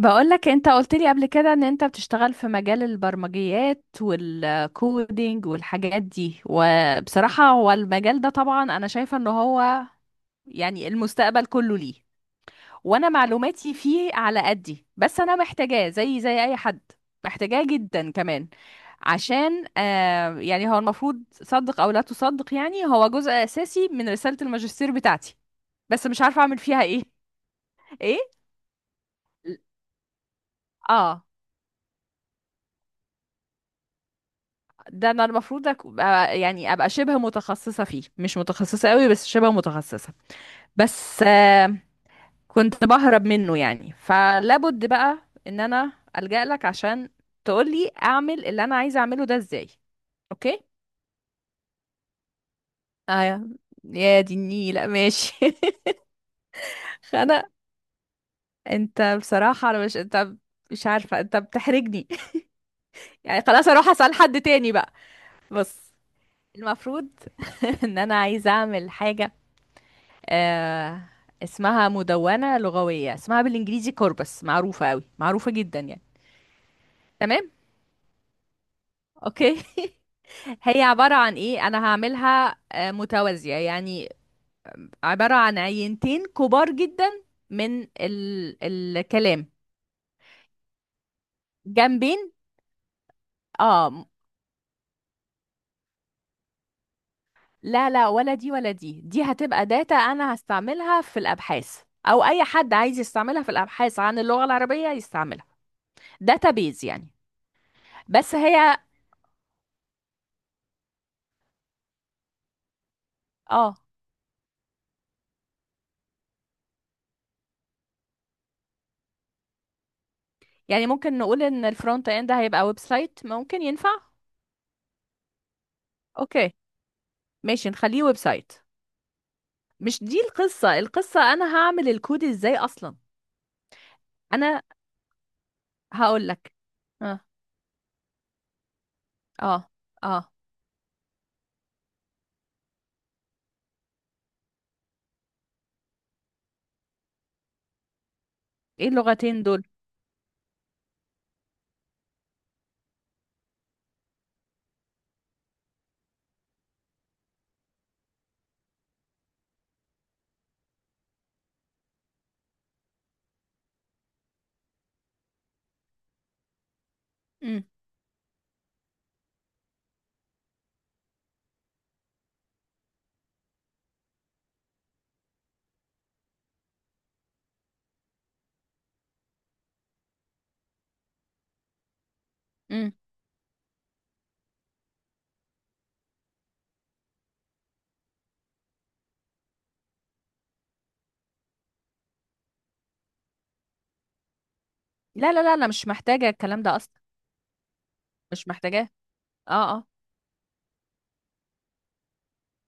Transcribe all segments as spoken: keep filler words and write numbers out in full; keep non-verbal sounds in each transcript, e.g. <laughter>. بقولك انت قلت لي قبل كده ان انت بتشتغل في مجال البرمجيات والكودينج والحاجات دي، وبصراحة هو المجال ده طبعا انا شايفة ان هو يعني المستقبل كله ليه. وانا معلوماتي فيه على قدي، بس انا محتاجاه زي زي اي حد، محتاجاه جدا كمان. عشان آه يعني هو المفروض، صدق او لا تصدق، يعني هو جزء اساسي من رسالة الماجستير بتاعتي. بس مش عارفة اعمل فيها ايه. ايه. اه. ده انا المفروض ابقى يعني ابقى شبه متخصصة فيه، مش متخصصة قوي بس شبه متخصصة. بس آه، كنت بهرب منه يعني، فلابد بقى ان انا ألجأ لك عشان تقولي اعمل اللي انا عايزة اعمله ده ازاي. اوكي. اه، يا يا دي النيلة، ماشي. <laughs> انا انت بصراحة انا مش انت، مش عارفة، انت بتحرجني. <laughs> يعني خلاص اروح اسأل حد تاني بقى. بص، المفروض <laughs> ان انا عايزة اعمل حاجة آه اسمها مدونة لغوية، اسمها بالانجليزي كوربس، معروفة قوي معروفة جدا يعني. تمام. اوكي <laughs> هي عبارة عن ايه؟ انا هعملها آه، متوازية يعني، عبارة عن عينتين كبار جدا من ال... الكلام. جنبين. اه، م- لا لا، ولا دي ولا دي، دي هتبقى داتا انا هستعملها في الابحاث، او اي حد عايز يستعملها في الابحاث عن اللغة العربية يستعملها، داتا بيز يعني. بس هي، اه، يعني ممكن نقول ان الفرونت اند هيبقى ويب سايت، ممكن ينفع. اوكي، ماشي نخليه ويب سايت. مش دي القصة، القصة انا هعمل الكود ازاي اصلا؟ انا هقول لك. اه، اه، اه. ايه اللغتين دول؟ امم امم. لا لا لا، انا مش محتاجة الكلام ده اصلا، مش محتاجاه. اه، اه،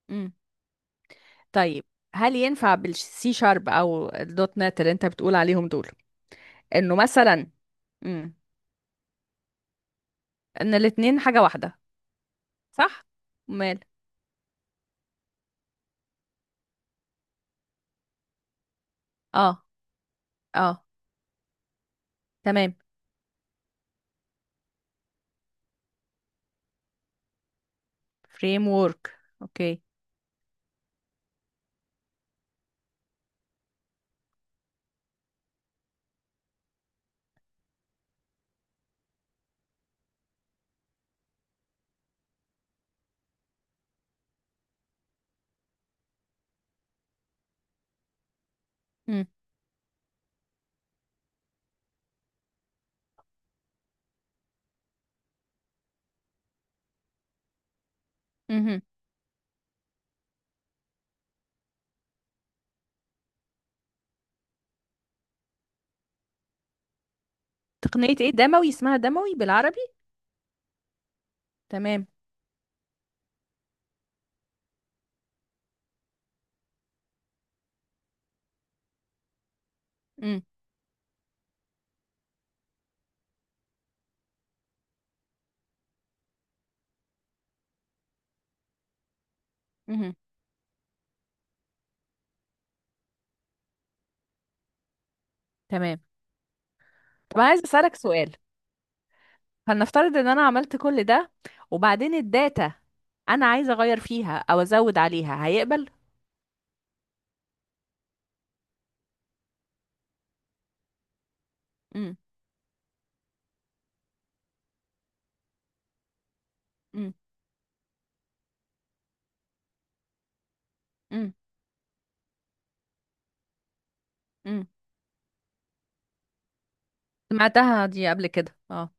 امم. طيب، هل ينفع بالسي شارب او الدوت نت اللي انت بتقول عليهم دول، انه مثلا، امم، ان الاتنين حاجة واحدة، صح؟ مال. اه، اه، تمام. فريم ورك، اوكي. مم. مهم. تقنية ايه دموي؟ اسمها دموي بالعربي؟ تمام. مم. مهم. تمام. طب انا عايز اسالك سؤال. هنفترض ان انا عملت كل ده، وبعدين الداتا انا عايزه اغير فيها او ازود عليها، هيقبل؟ مم. مم. مم. مم. سمعتها دي قبل كده، اه.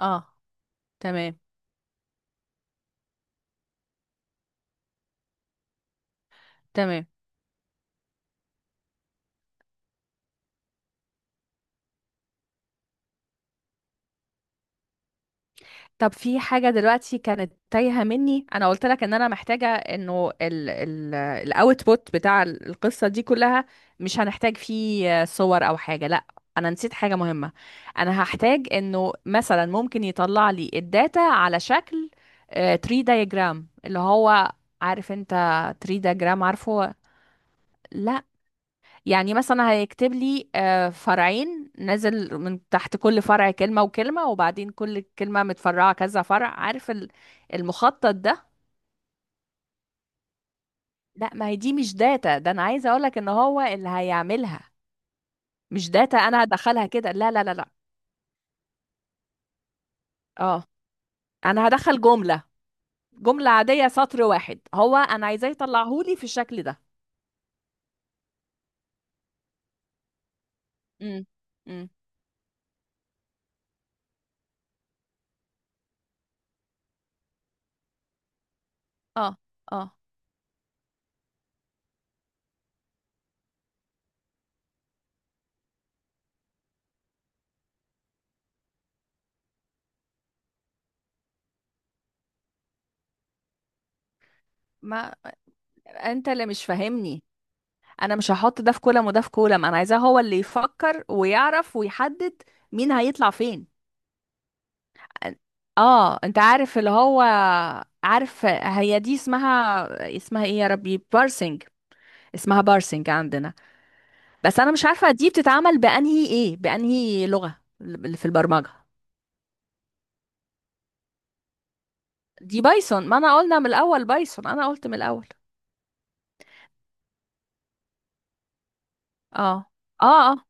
اه، تمام. تمام. طب في حاجة دلوقتي كانت تايهة مني، انا قلت لك ان انا محتاجة انه ال ال الاوتبوت بتاع ال- القصة دي كلها، مش هنحتاج فيه صور او حاجة، لا. انا نسيت حاجة مهمة. انا هحتاج انه مثلا ممكن يطلع لي الداتا على شكل تري دايجرام، اللي هو، عارف انت تري دايجرام؟ عارفه؟ لا. يعني مثلا هيكتب لي آه، فرعين نازل من تحت، كل فرع كلمة وكلمة، وبعدين كل كلمة متفرعة كذا فرع، عارف ال- المخطط ده؟ لا، ما هي دي مش داتا، ده انا عايزة اقولك ان هو اللي هيعملها، مش داتا انا هدخلها كده، لا لا لا لا. اه. انا هدخل جملة، جملة عادية سطر واحد، هو انا عايزاه يطلعهولي في الشكل ده. امم امم. اه، اه. ما انت اللي مش فاهمني، انا مش هحط ده في كولم وده في كولم، انا عايزاه هو اللي يفكر ويعرف ويحدد مين هيطلع فين. اه، انت عارف اللي هو، عارف، هي دي اسمها اسمها ايه يا ربي؟ بارسنج، اسمها بارسنج عندنا. بس انا مش عارفة دي بتتعمل بانهي ايه، بانهي لغة اللي في البرمجة. دي بايثون، ما انا قلنا من الاول بايثون، انا قلت من الاول. اه، اه، اه،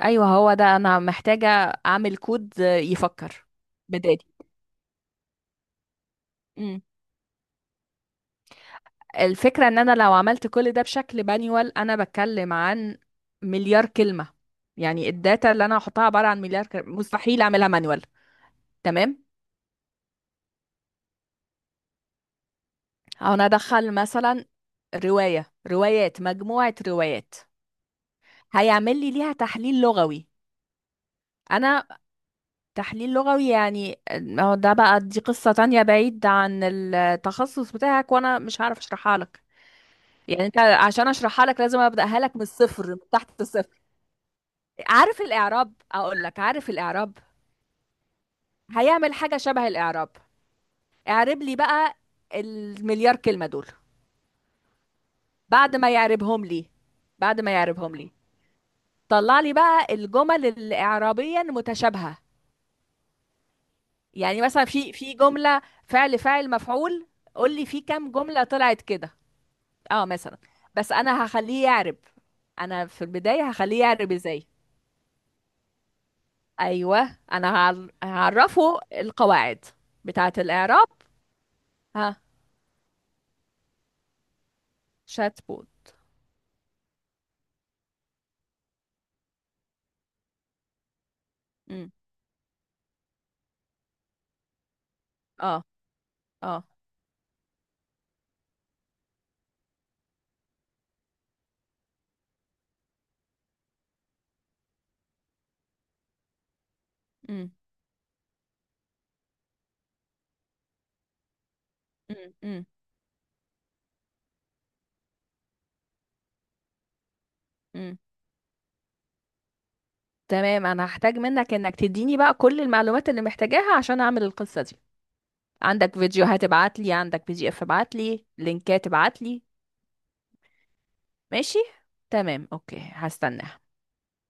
ايوه، هو ده انا محتاجة، اعمل كود يفكر بدالي. الفكرة ان انا لو عملت كل ده بشكل بانيوال، انا بتكلم عن مليار كلمة، يعني الداتا اللي انا هحطها عبارة عن مليار كلمة، مستحيل اعملها مانيوال. تمام. او انا ادخل مثلا رواية، روايات، مجموعة روايات، هيعمل لي ليها تحليل لغوي. انا. تحليل لغوي يعني، ما هو ده بقى دي قصة تانية بعيد عن التخصص بتاعك، وانا مش هعرف اشرحها لك، يعني انت عشان اشرحها لك لازم ابداها لك من الصفر، من تحت الصفر. عارف الإعراب؟ أقول لك عارف الإعراب. هيعمل حاجة شبه الإعراب. اعرب لي بقى المليار كلمة دول. بعد ما يعربهم لي، بعد ما يعربهم لي طلع لي بقى الجمل اللي إعرابيا متشابهة. يعني مثلا في في جملة فعل فاعل مفعول، قول لي في كام جملة طلعت كده. اه مثلا. بس أنا هخليه يعرب، أنا في البداية هخليه يعرب إزاي؟ أيوه، أنا هعر- هعرفه القواعد بتاعة الإعراب. ها. شات. امم. اه، اه. امم امم. امم امم. تمام، انا هحتاج منك انك تديني بقى كل المعلومات اللي محتاجاها عشان اعمل القصة دي. عندك فيديوهات؟ ابعت لي. عندك بي دي اف؟ ابعت لي. لينكات؟ ابعت لي. ماشي. تمام، اوكي، هستناها.